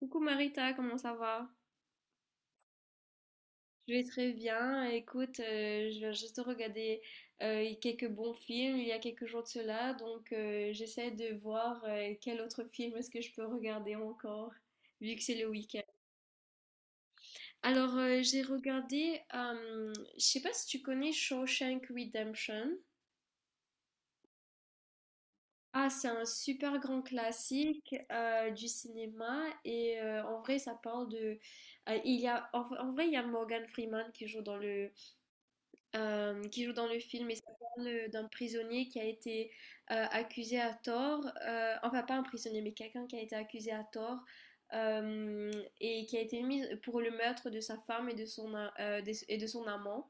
Coucou Marita, comment ça va? Je vais très bien. Écoute, je viens juste de regarder quelques bons films il y a quelques jours de cela, donc j'essaie de voir quel autre film est-ce que je peux regarder encore, vu que c'est le week-end. Alors, j'ai regardé, je sais pas si tu connais Shawshank Redemption. Ah, c'est un super grand classique du cinéma et en vrai, ça parle de il y a, en vrai, il y a Morgan Freeman qui joue dans le film et ça parle d'un prisonnier qui a été accusé à tort, enfin pas un prisonnier mais quelqu'un qui a été accusé à tort euh, et qui a été mis pour le meurtre de sa femme et de son amant.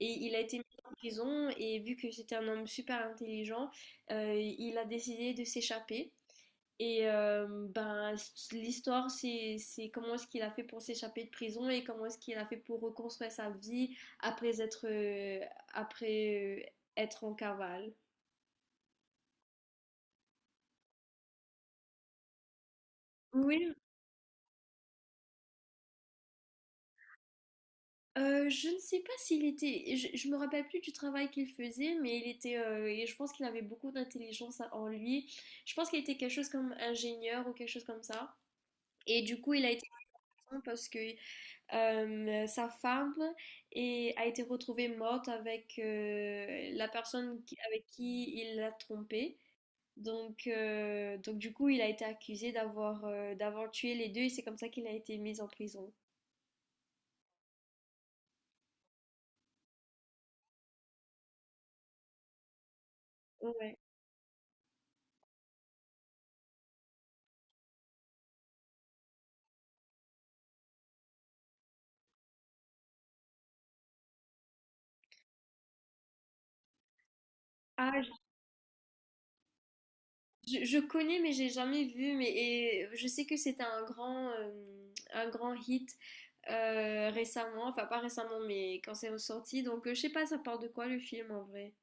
Et il a été mis en prison et vu que c'était un homme super intelligent, il a décidé de s'échapper. Et ben, l'histoire, c'est comment est-ce qu'il a fait pour s'échapper de prison et comment est-ce qu'il a fait pour reconstruire sa vie après, être en cavale. Oui, je ne sais pas s'il était, je me rappelle plus du travail qu'il faisait, mais il était, et je pense qu'il avait beaucoup d'intelligence en lui. Je pense qu'il était quelque chose comme ingénieur ou quelque chose comme ça. Et du coup, il a été prison parce que sa femme a été retrouvée morte avec la personne avec qui il l'a trompée. Donc, du coup, il a été accusé d'avoir tué les deux et c'est comme ça qu'il a été mis en prison. Ouais. Ah, je connais mais j'ai jamais vu mais et je sais que c'était un grand hit récemment, enfin pas récemment mais quand c'est ressorti. Donc je sais pas ça parle de quoi le film en vrai.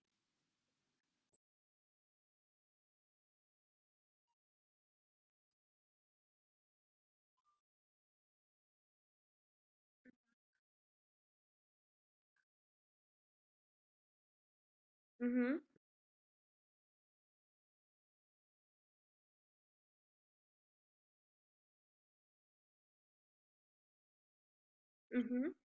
Mhm, mhm.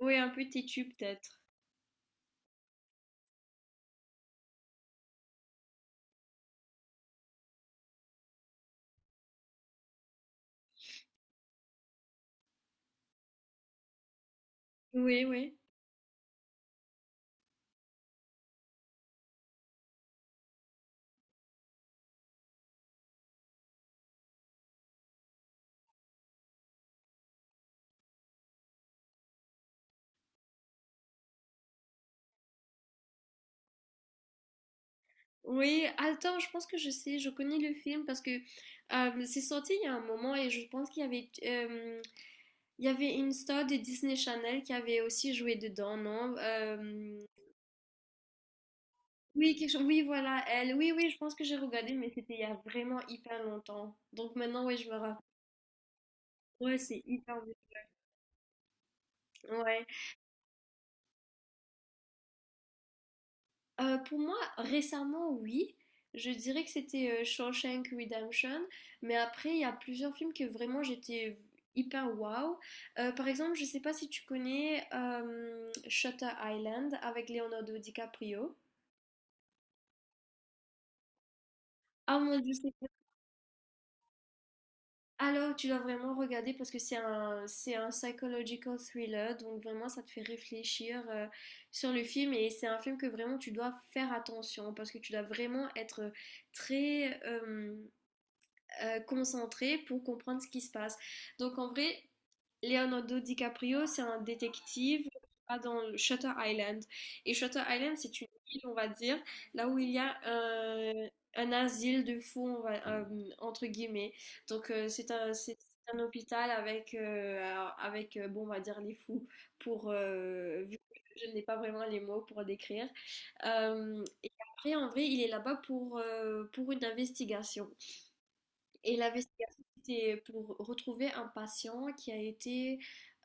Oui, un peu têtu peut-être. Oui, oui. Oui, attends, je pense que je sais, je connais le film parce que c'est sorti il y a un moment et je pense qu'il y avait, il y avait une star de Disney Channel qui avait aussi joué dedans, non? Oui, quelque chose, oui, voilà, elle. Oui, oui, je pense que j'ai regardé, mais c'était il y a vraiment hyper longtemps. Donc maintenant, oui, je me rappelle. Ouais, c'est hyper vieux. Ouais. Pour moi, récemment, oui. Je dirais que c'était Shawshank Redemption, mais après, il y a plusieurs films que vraiment j'étais hyper wow. Par exemple, je sais pas si tu connais Shutter Island avec Leonardo DiCaprio. Ah mon Dieu, alors tu dois vraiment regarder parce que c'est un psychological thriller, donc vraiment ça te fait réfléchir sur le film et c'est un film que vraiment tu dois faire attention parce que tu dois vraiment être très concentré pour comprendre ce qui se passe. Donc en vrai, Leonardo DiCaprio, c'est un détective qui va dans Shutter Island. Et Shutter Island, c'est une île, on va dire, là où il y a un asile de fous, entre guillemets. Donc c'est un hôpital avec, avec bon, on va dire les fous, pour, vu que je n'ai pas vraiment les mots pour décrire. Et après, en vrai, il est là-bas pour une investigation. Et l'investigation, c'était pour retrouver un patient qui a été,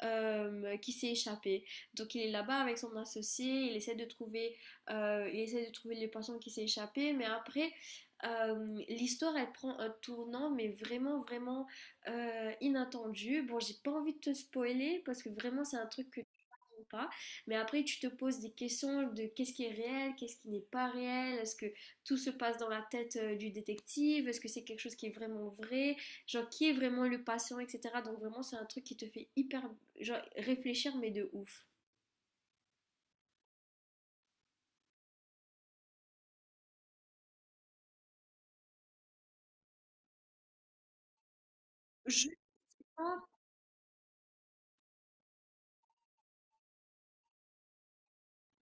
qui s'est échappé. Donc il est là-bas avec son associé, il essaie de trouver le patient qui s'est échappé, mais après, l'histoire, elle prend un tournant, mais vraiment, vraiment inattendu. Bon, j'ai pas envie de te spoiler parce que vraiment, c'est un truc que tu comprends pas. Mais après, tu te poses des questions de qu'est-ce qui est réel, qu'est-ce qui n'est pas réel, est-ce que tout se passe dans la tête du détective, est-ce que c'est quelque chose qui est vraiment vrai, genre qui est vraiment le patient, etc. Donc vraiment c'est un truc qui te fait hyper genre, réfléchir mais de ouf. Je pense-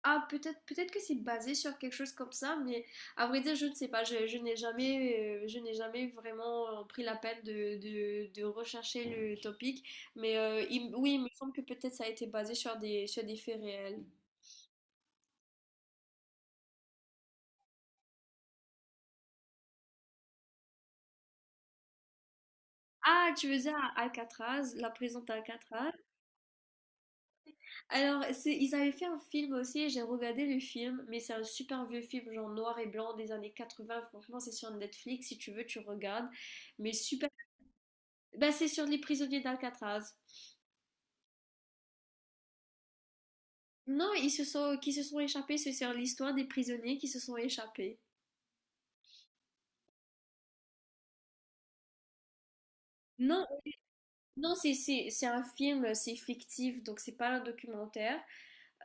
ah peut-être peut-être que c'est basé sur quelque chose comme ça, mais à vrai dire je ne sais pas, je n'ai jamais vraiment pris la peine de, de rechercher le topic, mais oui il me semble que peut-être ça a été basé sur des faits réels. Ah, tu veux dire Alcatraz, la prison d'Alcatraz? Alors, ils avaient fait un film aussi, j'ai regardé le film, mais c'est un super vieux film, genre noir et blanc des années 80. Franchement, c'est sur Netflix, si tu veux, tu regardes. Mais super. Bah, c'est sur les prisonniers d'Alcatraz. Non, qui se sont échappés, c'est sur l'histoire des prisonniers qui se sont échappés. Non, non, c'est un film, c'est fictif, donc c'est pas un documentaire.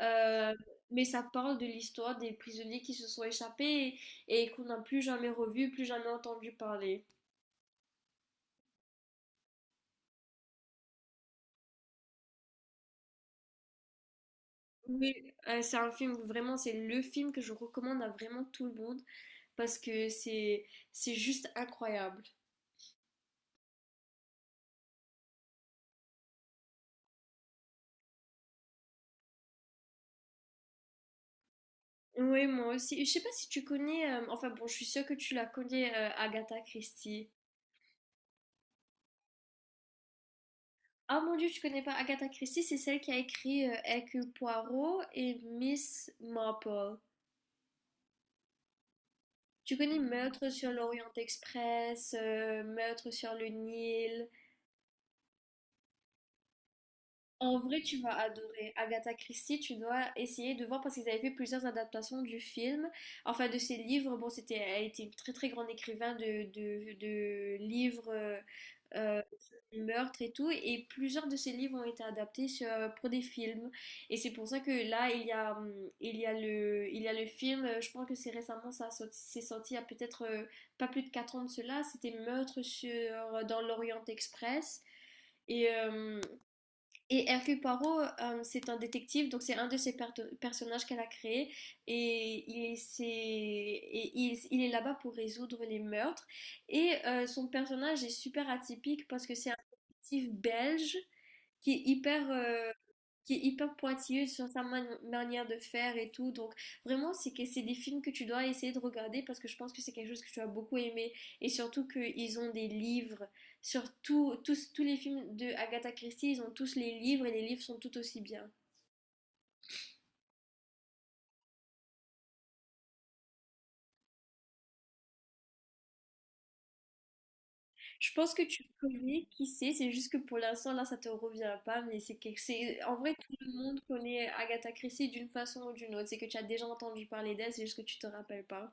Euh, mais ça parle de l'histoire des prisonniers qui se sont échappés et qu'on n'a plus jamais revu, plus jamais entendu parler. Oui, c'est un film, vraiment, c'est le film que je recommande à vraiment tout le monde parce que c'est juste incroyable. Oui, moi aussi. Je sais pas si tu connais, enfin bon, je suis sûre que tu la connais, Agatha Christie. Ah mon Dieu, tu connais pas Agatha Christie, c'est celle qui a écrit Hercule Poirot et Miss Marple. Tu connais Meurtre sur l'Orient Express, Meurtre sur le Nil. En vrai, tu vas adorer. Agatha Christie, tu dois essayer de voir parce qu'ils avaient fait plusieurs adaptations du film, enfin de ses livres. Bon, elle était une très très grande écrivain de livres sur le meurtre et tout, et plusieurs de ses livres ont été adaptés pour des films. Et c'est pour ça que là, il y a le film. Je pense que c'est récemment, c'est sorti il y a peut-être pas plus de 4 ans de cela. C'était Meurtre sur dans l'Orient Express. Et, euh, et, Hercule Poirot, c'est un détective, donc c'est un de ses personnages qu'elle a créé. Et il, c'est- et il est là-bas pour résoudre les meurtres. Et son personnage est super atypique parce que c'est un détective belge qui est hyper, euh, qui est hyper pointilleuse sur sa manière de faire et tout. Donc vraiment, c'est que c'est des films que tu dois essayer de regarder parce que je pense que c'est quelque chose que tu as beaucoup aimé et surtout qu'ils ont des livres sur tous les films de Agatha Christie, ils ont tous les livres et les livres sont tout aussi bien. Je pense que tu connais, qui sait, c'est juste que pour l'instant là ça te revient pas, mais c'est en vrai tout le monde connaît Agatha Christie d'une façon ou d'une autre. C'est que tu as déjà entendu parler d'elle, c'est juste que tu te rappelles pas.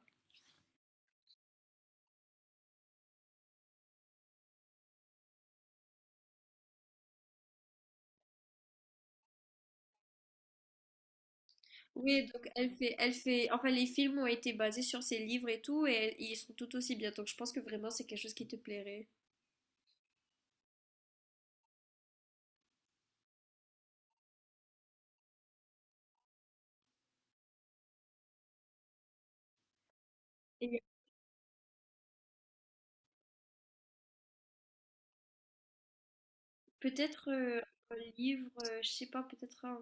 Oui, donc elle fait, enfin les films ont été basés sur ses livres et tout, et, ils sont tout aussi bien. Donc je pense que vraiment c'est quelque chose qui te plairait. Et peut-être un livre, je sais pas, peut-être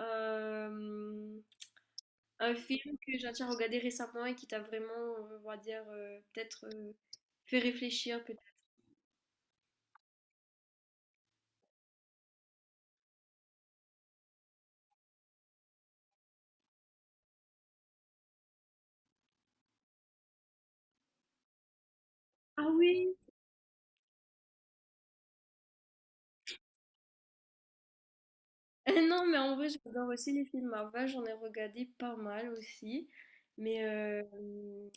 euh, un film que j'ai déjà regardé récemment et qui t'a vraiment, on va dire, peut-être fait réfléchir. Peut-être. Ah oui! Non, mais en vrai j'adore aussi les films Marvel, j'en ai regardé pas mal aussi. Mais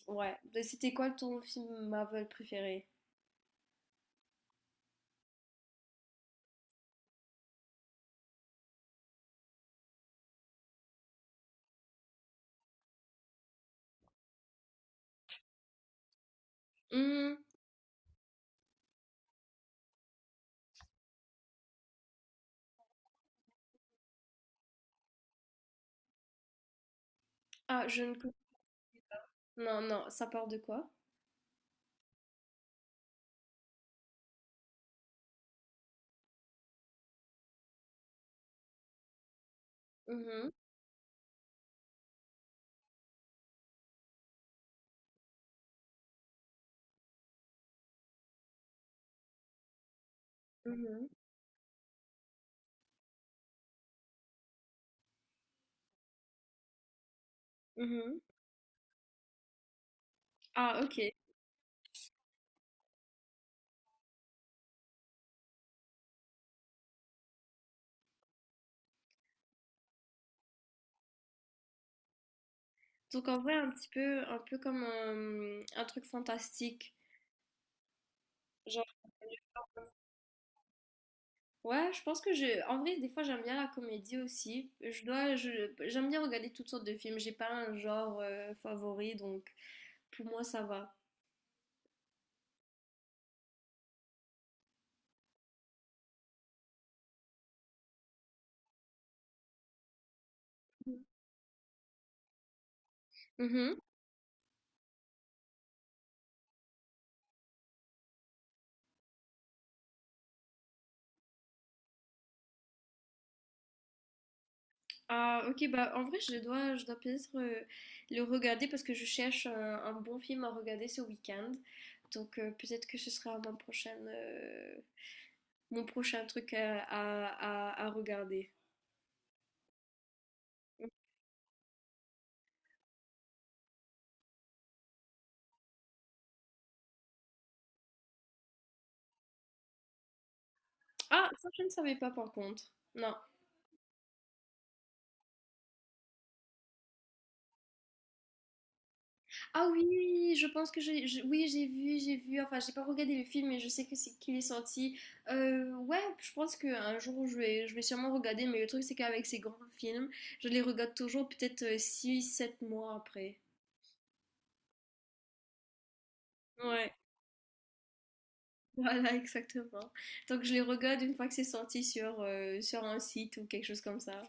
ouais, c'était quoi ton film Marvel préféré? Hmm. Ah, je ne connais pas. Non, non, ça part de quoi? Mhm, mhm, mhm. Ah, ok. Donc en vrai, un petit peu, un peu comme un truc fantastique. Genre, ouais, je pense que je, en vrai, des fois, j'aime bien la comédie aussi. Je dois, j'aime bien regarder toutes sortes de films. J'ai pas un genre favori, donc pour moi, ça va. Mhm. Ah, ok, bah en vrai, je dois peut-être le regarder parce que je cherche un bon film à regarder ce week-end. Donc peut-être que ce sera mon prochain truc à regarder. Ah, ça, je ne savais pas par contre. Non. Ah oui, je pense que oui, j'ai vu, j'ai vu. Enfin, j'ai pas regardé le film, mais je sais que c'est qu'il est sorti. Ouais, je pense qu'un jour je vais sûrement regarder. Mais le truc, c'est qu'avec ces grands films, je les regarde toujours peut-être six sept mois après. Ouais, voilà, exactement. Donc je les regarde une fois que c'est sorti sur un site ou quelque chose comme ça.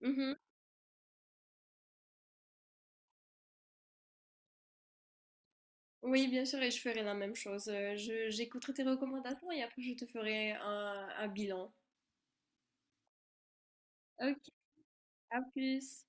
Mhm. Oui, bien sûr, et je ferai la même chose. J'écouterai tes recommandations et après je te ferai un bilan. Ok, à plus.